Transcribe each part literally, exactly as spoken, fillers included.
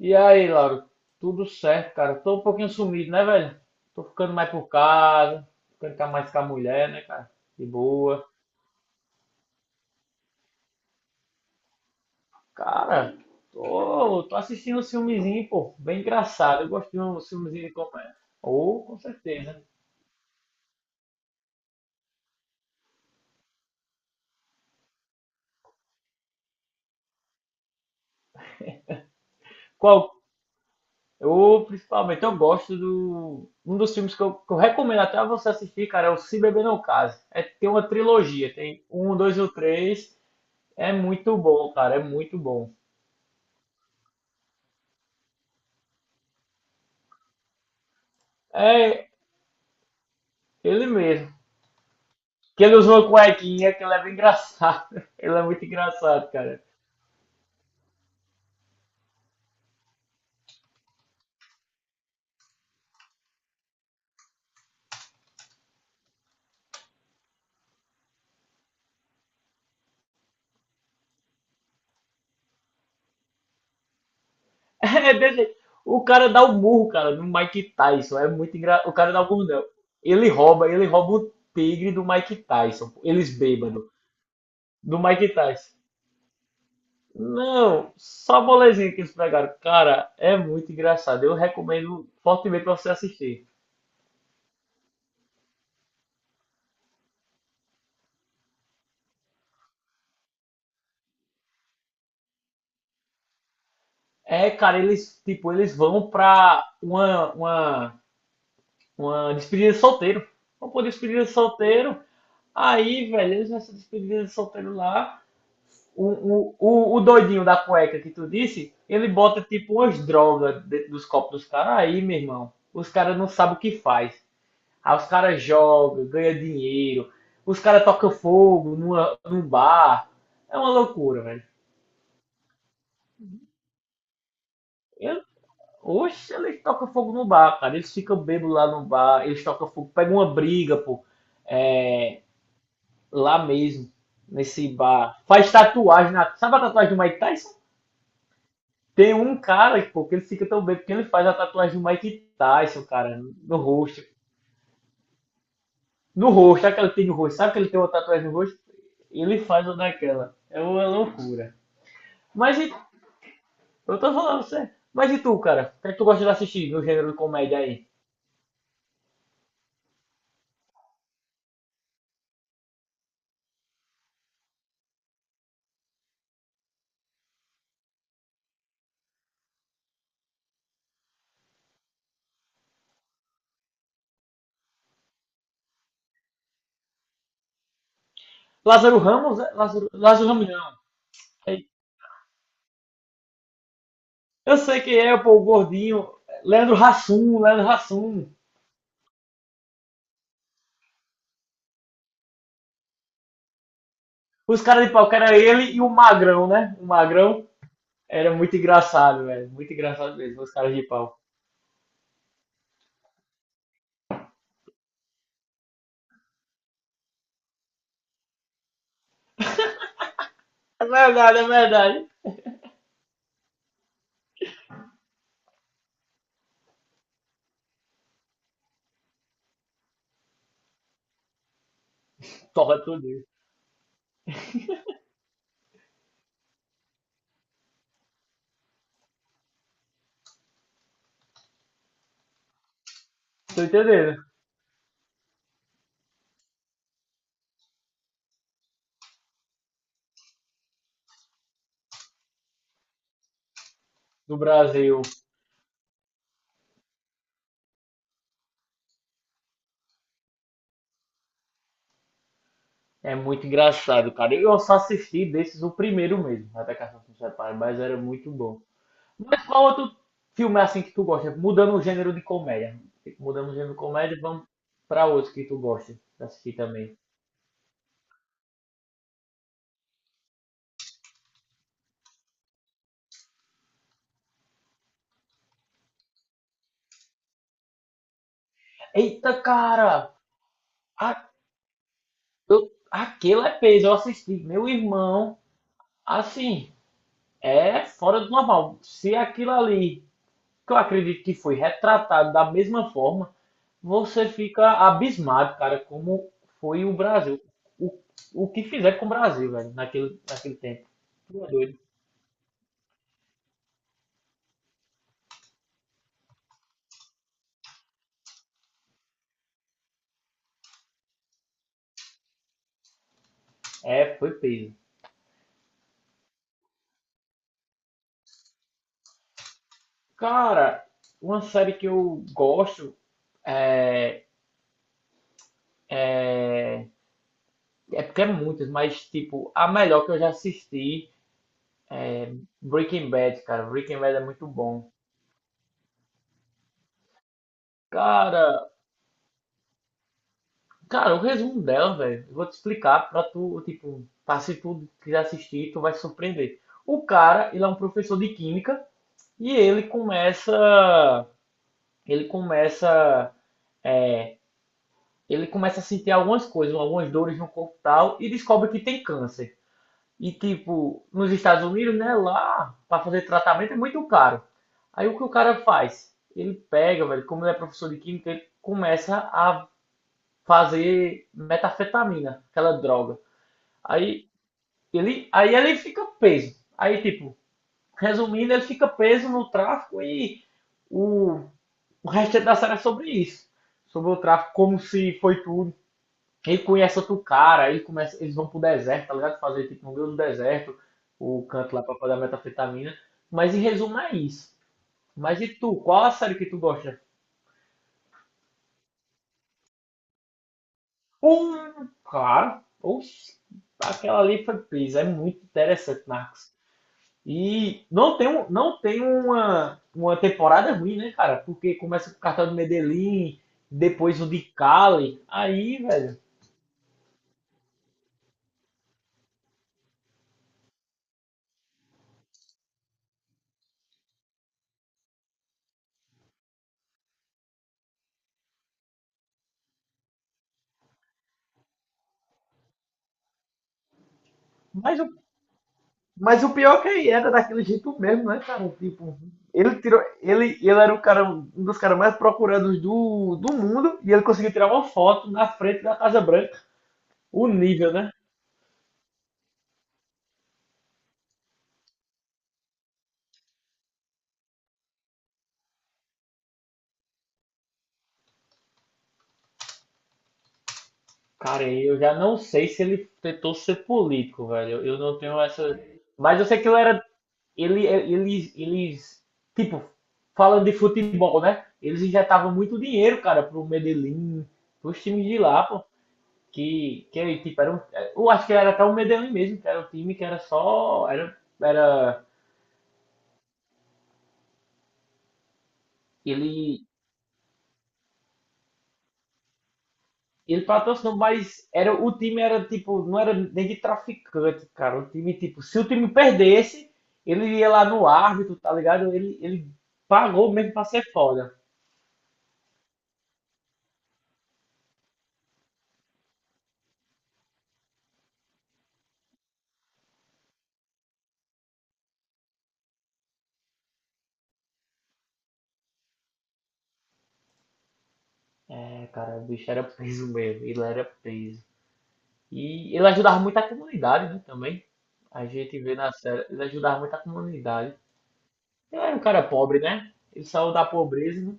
E aí, Lauro? Tudo certo, cara. Tô um pouquinho sumido, né, velho? Tô ficando mais por casa, ficando ca- mais com a mulher, né, cara? De boa. Cara, tô, tô assistindo um filmezinho, pô, bem engraçado. Eu gosto de um filmezinho de comédia. Ou, com certeza. Qual? Ou, principalmente, eu gosto do... Um dos filmes que eu, que eu recomendo até você assistir, cara, é o Se Beber Não Case. É, tem uma trilogia, tem um, dois ou três. É muito bom, cara, é muito bom. É, ele mesmo. Que ele usou uma cuequinha, que ele é bem engraçado. Ele é muito engraçado, cara. É desse- O cara dá o burro, cara, no Mike Tyson. É muito engraçado. O cara dá o burro, não. Ele rouba, ele rouba o tigre do Mike Tyson. Eles bêbados. Do Mike Tyson. Não, só bolezinha que eles pegaram. Cara, é muito engraçado. Eu recomendo fortemente pra você assistir. É, cara, eles, tipo, eles vão pra uma, uma, uma despedida de solteiro. Vão pra despedida de solteiro. Aí, velho, eles nessa despedida de solteiro lá, o, o, o, o doidinho da cueca que tu disse, ele bota tipo umas drogas dentro dos copos dos caras. Aí, meu irmão, os caras não sabem o que faz. Aí os caras jogam, ganham dinheiro, os caras tocam fogo numa, num bar. É uma loucura, velho. Eu, oxe, eles tocam fogo no bar, cara. Eles ficam bêbados lá no bar, eles tocam fogo, pegam uma briga, pô. É, lá mesmo, nesse bar. Faz tatuagem na. Sabe a tatuagem do Mike Tyson? Tem um cara, pô, que ele fica tão bem, porque ele faz a tatuagem do Mike Tyson, cara, no rosto. No rosto, aquela que tem no rosto? Sabe que ele tem uma tatuagem no rosto? Ele faz uma daquela. É uma loucura. Mas e, eu tô falando sério. Mas e tu, cara? O que é que tu gosta de assistir no gênero de comédia aí? Lázaro Ramos? É? Lázaro, Lázaro Ramos não. É- Eu sei que é, pô, o gordinho. Leandro Hassum, Leandro Hassum. Os caras de pau, que era ele e o Magrão, né? O Magrão era muito engraçado, velho. Muito engraçado mesmo, os caras de pau. É verdade, é verdade. Torra tudo isso. Tô entendendo. Do Brasil. É muito engraçado, cara. Eu só assisti desses o primeiro mesmo, até Caça se Separe, mas era muito bom. Mas qual outro filme é assim que tu gosta? Mudando o gênero de comédia. Mudando o gênero de comédia, vamos pra outro que tu gosta de assistir também. Eita, cara! A, eu, aquele é peso, eu assisti. Meu irmão, assim, é fora do normal. Se aquilo ali que eu acredito que foi retratado da mesma forma, você fica abismado, cara, como foi o Brasil. O, o que fizeram com o Brasil, velho, naquele, naquele tempo. Tu é doido. É, foi peso. Cara, uma série que eu gosto é, é, é porque é muitas, mas tipo, a melhor que eu já assisti é Breaking Bad, cara. Breaking Bad é muito bom. Cara, Cara, o resumo dela, velho, eu vou te explicar pra tu, tipo, pra se tu quiser assistir, tu vai se surpreender. O cara, ele é um professor de química e ele começa, ele começa, é, ele começa a sentir algumas coisas, algumas dores no corpo e tal e descobre que tem câncer. E tipo, nos Estados Unidos, né, lá pra fazer tratamento é muito caro. Aí o que o cara faz? Ele pega, velho, como ele é professor de química, ele começa a fazer metanfetamina, aquela droga. Aí Ele, aí ele fica preso. Aí, tipo, resumindo, ele fica preso no tráfico e o, o resto da série é sobre isso. Sobre o tráfico, como se foi tudo. Ele conhece outro cara, ele começa, eles vão pro deserto, tá ligado? Fazer tipo no meio do deserto, o canto lá pra pagar metafetamina. Mas em resumo é isso. Mas e tu, qual a série que tu gosta? Um, claro. Oxi, aquela ali foi presa. É muito interessante, Marcos. E não tem, um- não tem uma, uma temporada ruim, né, cara? Porque começa com o cartão do Medellín, depois o de Cali. Aí, velho. Mas o, mas o pior é que ele era daquele jeito mesmo, né, cara? Tipo, ele tirou. Ele, ele era o cara, um dos caras mais procurados do, do mundo e ele conseguiu tirar uma foto na frente da Casa Branca. O nível, né? Cara, eu já não sei se ele tentou ser político, velho. Eu, eu não tenho essa. Mas eu sei que ele era ele, é, eles, eles, tipo, falando de futebol, né? Eles injetavam muito dinheiro, cara, pro Medellín, pros times de lá, pô. Que, que tipo, era um, eu acho que era até o Medellín mesmo, que era um time que era só, era, era, ele, ele patrocinou, mas era, o time era, tipo, não era nem de traficante, cara. O time, tipo, se o time perdesse, ele ia lá no árbitro, tá ligado? Ele, ele pagou mesmo pra ser foda. É, cara, o bicho era preso mesmo, ele era preso. E ele ajudava muito a comunidade, né, também. A gente vê na série, ele ajudava muito a comunidade. Ele era um cara pobre, né? Ele saiu da pobreza, né?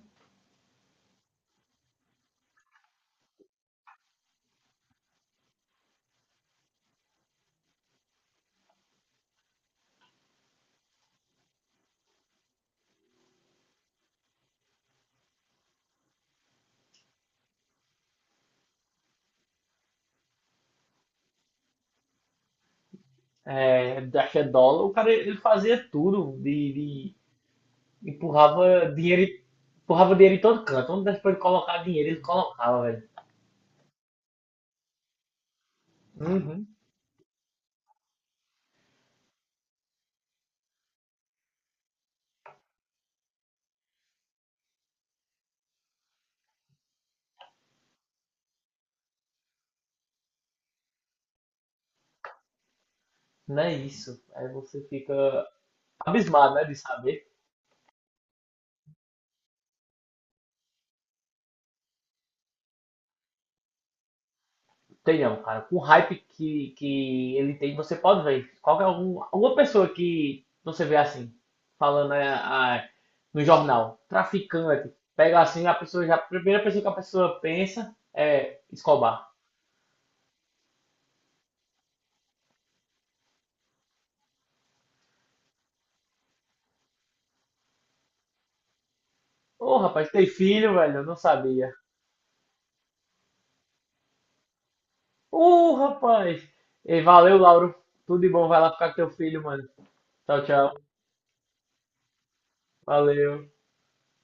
É, da fé dólar. O cara, ele fazia tudo, de, de- empurrava dinheiro, empurrava dinheiro em todo canto. Onde desse pra ele colocar dinheiro, ele colocava, velho. Uhum. Não é isso. Aí você fica abismado, né, de saber. Tem não, cara. Com o hype que, que ele tem, você pode ver. Qualquer algum, alguma pessoa que você vê assim, falando é, a- no jornal, traficante, pega assim, a pessoa já, a primeira pessoa que a pessoa pensa é Escobar. Ô, rapaz, tem filho, velho? Eu não sabia. Ô, rapaz! E valeu, Lauro. Tudo de bom, vai lá ficar com teu filho, mano. Tchau, tchau. Valeu.